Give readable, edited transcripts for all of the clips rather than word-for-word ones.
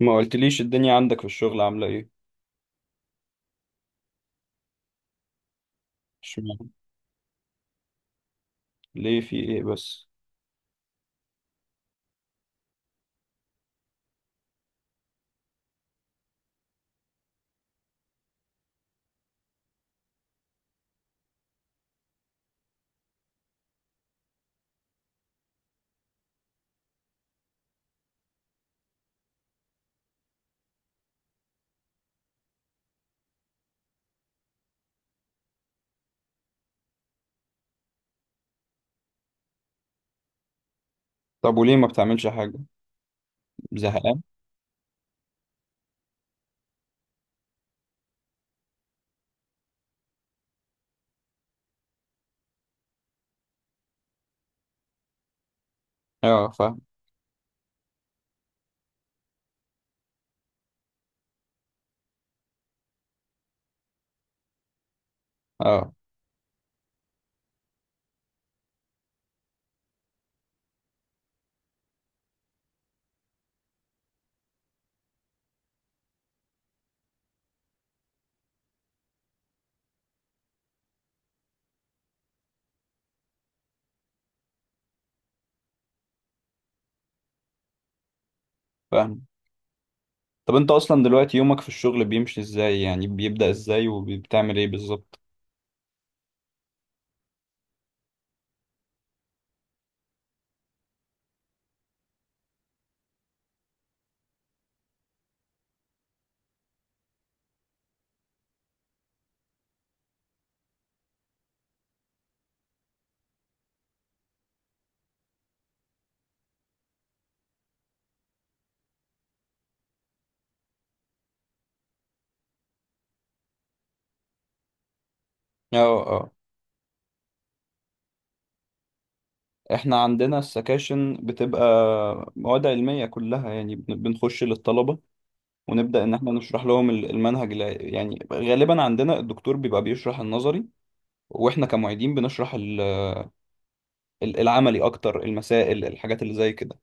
ما قلتليش الدنيا عندك في الشغل عاملة ايه؟ اشمعنى؟ ليه؟ في ايه بس؟ طب وليه ما بتعملش حاجة؟ زهقان؟ اه، فاهم. اه، فاهم. طب انت اصلا دلوقتي يومك في الشغل بيمشي ازاي؟ يعني بيبدأ ازاي وبتعمل ايه بالظبط؟ اه، اه. احنا عندنا السكاشن بتبقى مواد علمية كلها، يعني بنخش للطلبة ونبدأ ان احنا نشرح لهم المنهج يعني غالبا عندنا الدكتور بيبقى بيشرح النظري، واحنا كمعيدين بنشرح العملي اكتر، المسائل الحاجات اللي زي كده.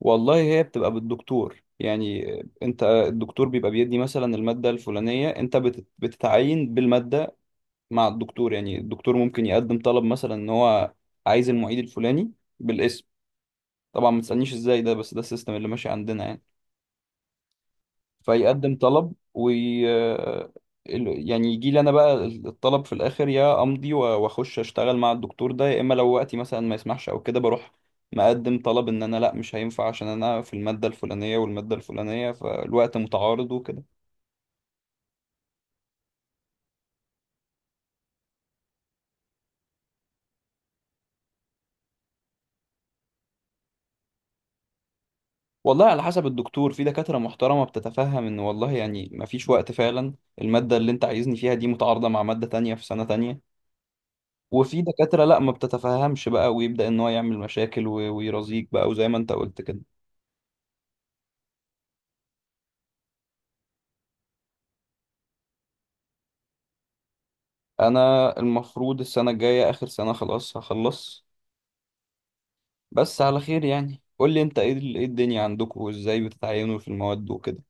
والله هي بتبقى بالدكتور يعني. انت الدكتور بيبقى بيدي مثلا المادة الفلانية، انت بتتعين بالمادة مع الدكتور. يعني الدكتور ممكن يقدم طلب مثلا ان هو عايز المعيد الفلاني بالاسم. طبعا ما تسألنيش ازاي ده، بس ده السيستم اللي ماشي عندنا يعني. فيقدم طلب وي... آه، يعني يجي لي انا بقى الطلب في الاخر، يا امضي واخش اشتغل مع الدكتور ده، يا اما لو وقتي مثلا ما يسمحش او كده بروح مقدم طلب ان انا لا، مش هينفع عشان انا في المادة الفلانية والمادة الفلانية، فالوقت متعارض وكده. والله على حسب الدكتور. في دكاترة محترمة بتتفهم ان والله يعني ما فيش وقت فعلا، المادة اللي انت عايزني فيها دي متعارضة مع مادة تانية في سنة تانية. وفي دكاترة لا ما بتتفهمش بقى، ويبدأ ان هو يعمل مشاكل ويرازيك بقى، وزي ما انت قلت كده. انا المفروض السنه الجايه اخر سنه، خلاص هخلص. بس على خير يعني. قول لي انت ايه إيه الدنيا عندكم وازاي بتتعينوا في المواد وكده.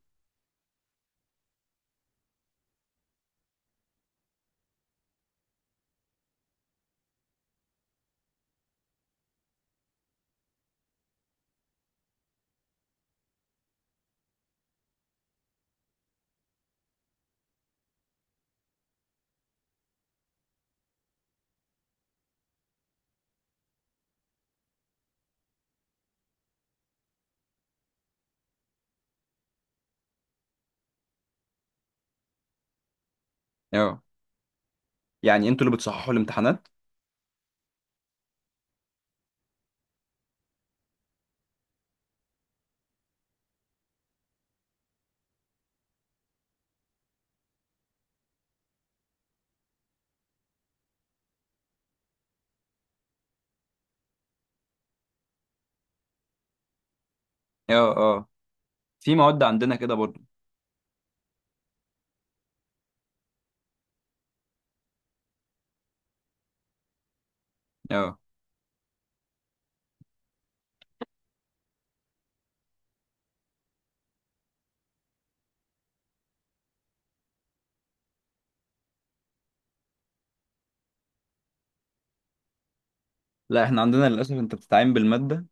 اه، يعني انتوا اللي بتصححوا الامتحانات؟ اه، اه. في مواد عندنا كده برضه. اه. لا، احنا عندنا للاسف انت بتتعين بالماده.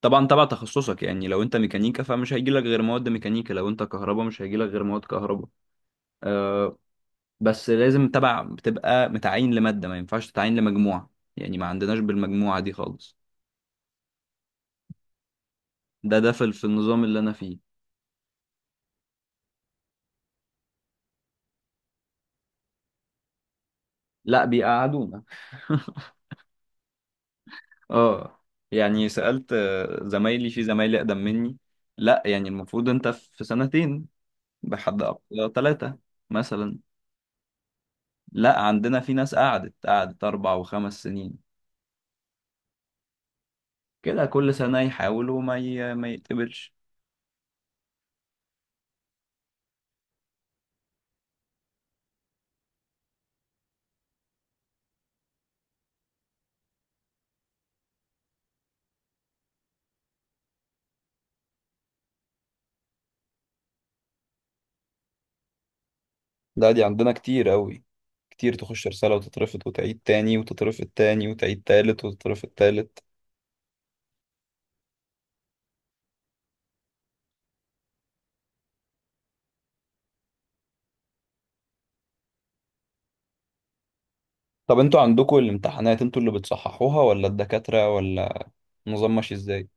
طبعا تبع تخصصك يعني. لو انت ميكانيكا فمش هيجي لك غير مواد ميكانيكا، لو انت كهرباء مش هيجي لك غير مواد كهرباء. آه. بس لازم تبع بتبقى متعين لماده، ما ينفعش تتعين لمجموعه. يعني ما عندناش بالمجموعه دي خالص. ده، ده في النظام اللي انا فيه. لا بيقعدونا. اه، يعني سألت زمايلي، في زمايلي أقدم مني. لا، يعني المفروض أنت في سنتين، بحد أقصى ثلاثة مثلا. لا، عندنا في ناس قعدت قعدت 4 و5 سنين. كده كل سنة يحاولوا ما يتقبلش. لا، دي عندنا كتير قوي. كتير تخش رسالة وتترفض، وتعيد تاني وتترفض تاني، وتعيد تالت وتترفض تالت. طب انتوا عندكم الامتحانات انتوا اللي بتصححوها ولا الدكاترة ولا النظام ماشي ازاي؟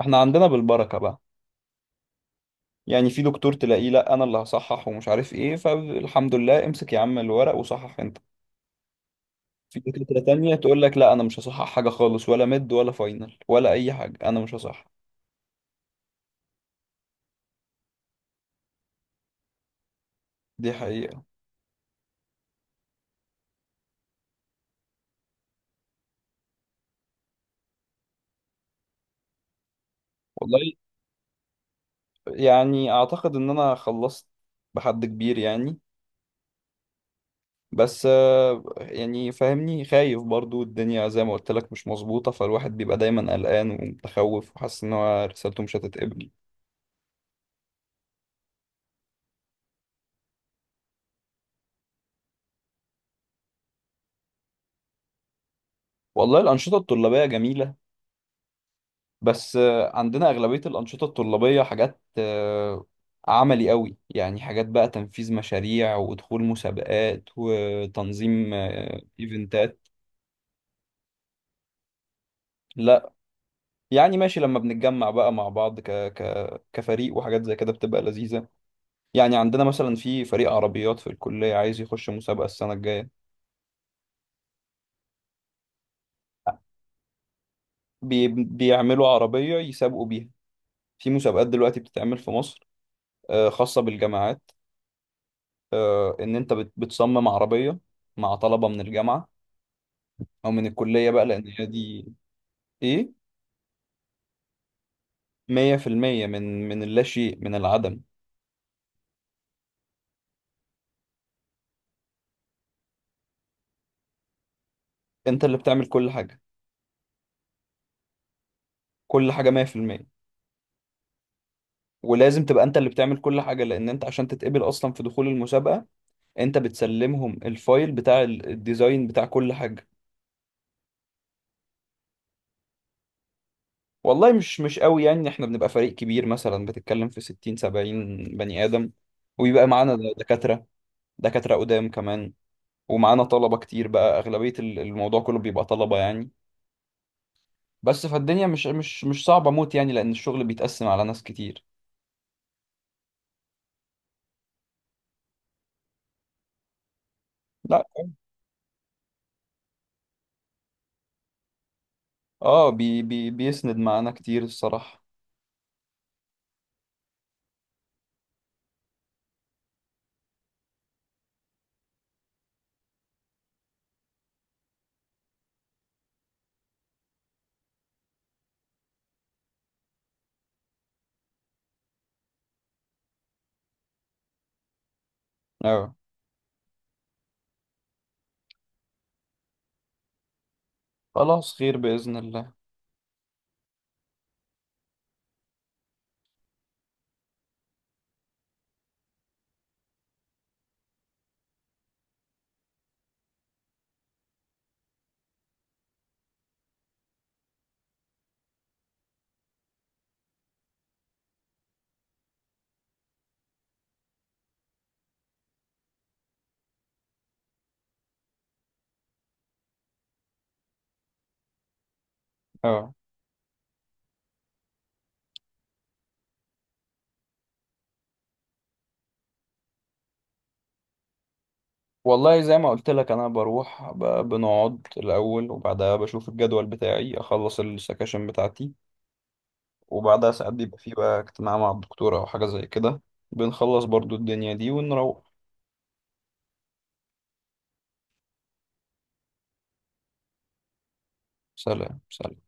احنا عندنا بالبركة بقى. يعني في دكتور تلاقيه: لا، انا اللي هصحح ومش عارف ايه، فالحمد لله امسك يا عم الورق وصحح انت. في دكاترة تانية تقول لك: لا، انا مش هصحح حاجة خالص، ولا مد ولا فاينل ولا اي حاجة، انا مش هصحح. دي حقيقة. والله يعني اعتقد ان انا خلصت بحد كبير يعني. بس يعني فاهمني، خايف برضو. الدنيا زي ما قلت لك مش مظبوطة، فالواحد بيبقى دايما قلقان ومتخوف وحاسس ان هو رسالته مش هتتقبل. والله الأنشطة الطلابية جميلة. بس عندنا أغلبية الأنشطة الطلابية حاجات عملي قوي يعني. حاجات بقى تنفيذ مشاريع ودخول مسابقات وتنظيم إيفنتات. لا. يعني ماشي لما بنتجمع بقى مع بعض كفريق، وحاجات زي كده بتبقى لذيذة. يعني عندنا مثلا في فريق عربيات في الكلية، عايز يخش مسابقة السنة الجاية. بيعملوا عربية يسابقوا بيها. في مسابقات دلوقتي بتتعمل في مصر، خاصة بالجامعات. إن أنت بتصمم عربية مع طلبة من الجامعة او من الكلية بقى، لان هي دي. ايه. 100%، من اللا شيء، من العدم. انت اللي بتعمل كل حاجة. كل حاجة 100%. ولازم تبقى انت اللي بتعمل كل حاجة، لان انت عشان تتقبل اصلا في دخول المسابقة انت بتسلمهم الفايل بتاع الديزاين بتاع كل حاجة. والله مش قوي يعني. احنا بنبقى فريق كبير، مثلا بتتكلم في 60 70 بني آدم وبيبقى معانا دكاترة. دكاترة قدام كمان. ومعانا طلبة كتير بقى. أغلبية الموضوع كله بيبقى طلبة يعني. بس فالدنيا مش صعبة موت يعني، لأن الشغل بيتقسم على ناس كتير. لا. اه، بي بي بيسند معانا كتير الصراحة. اه. خلاص، خير بإذن الله. اه. والله زي ما قلت لك أنا بروح، بنقعد الأول وبعدها بشوف الجدول بتاعي، أخلص السكاشن بتاعتي. وبعدها ساعات بيبقى فيه بقى اجتماع مع الدكتورة أو حاجة زي كده، بنخلص برضو الدنيا دي ونروح. سلام، سلام.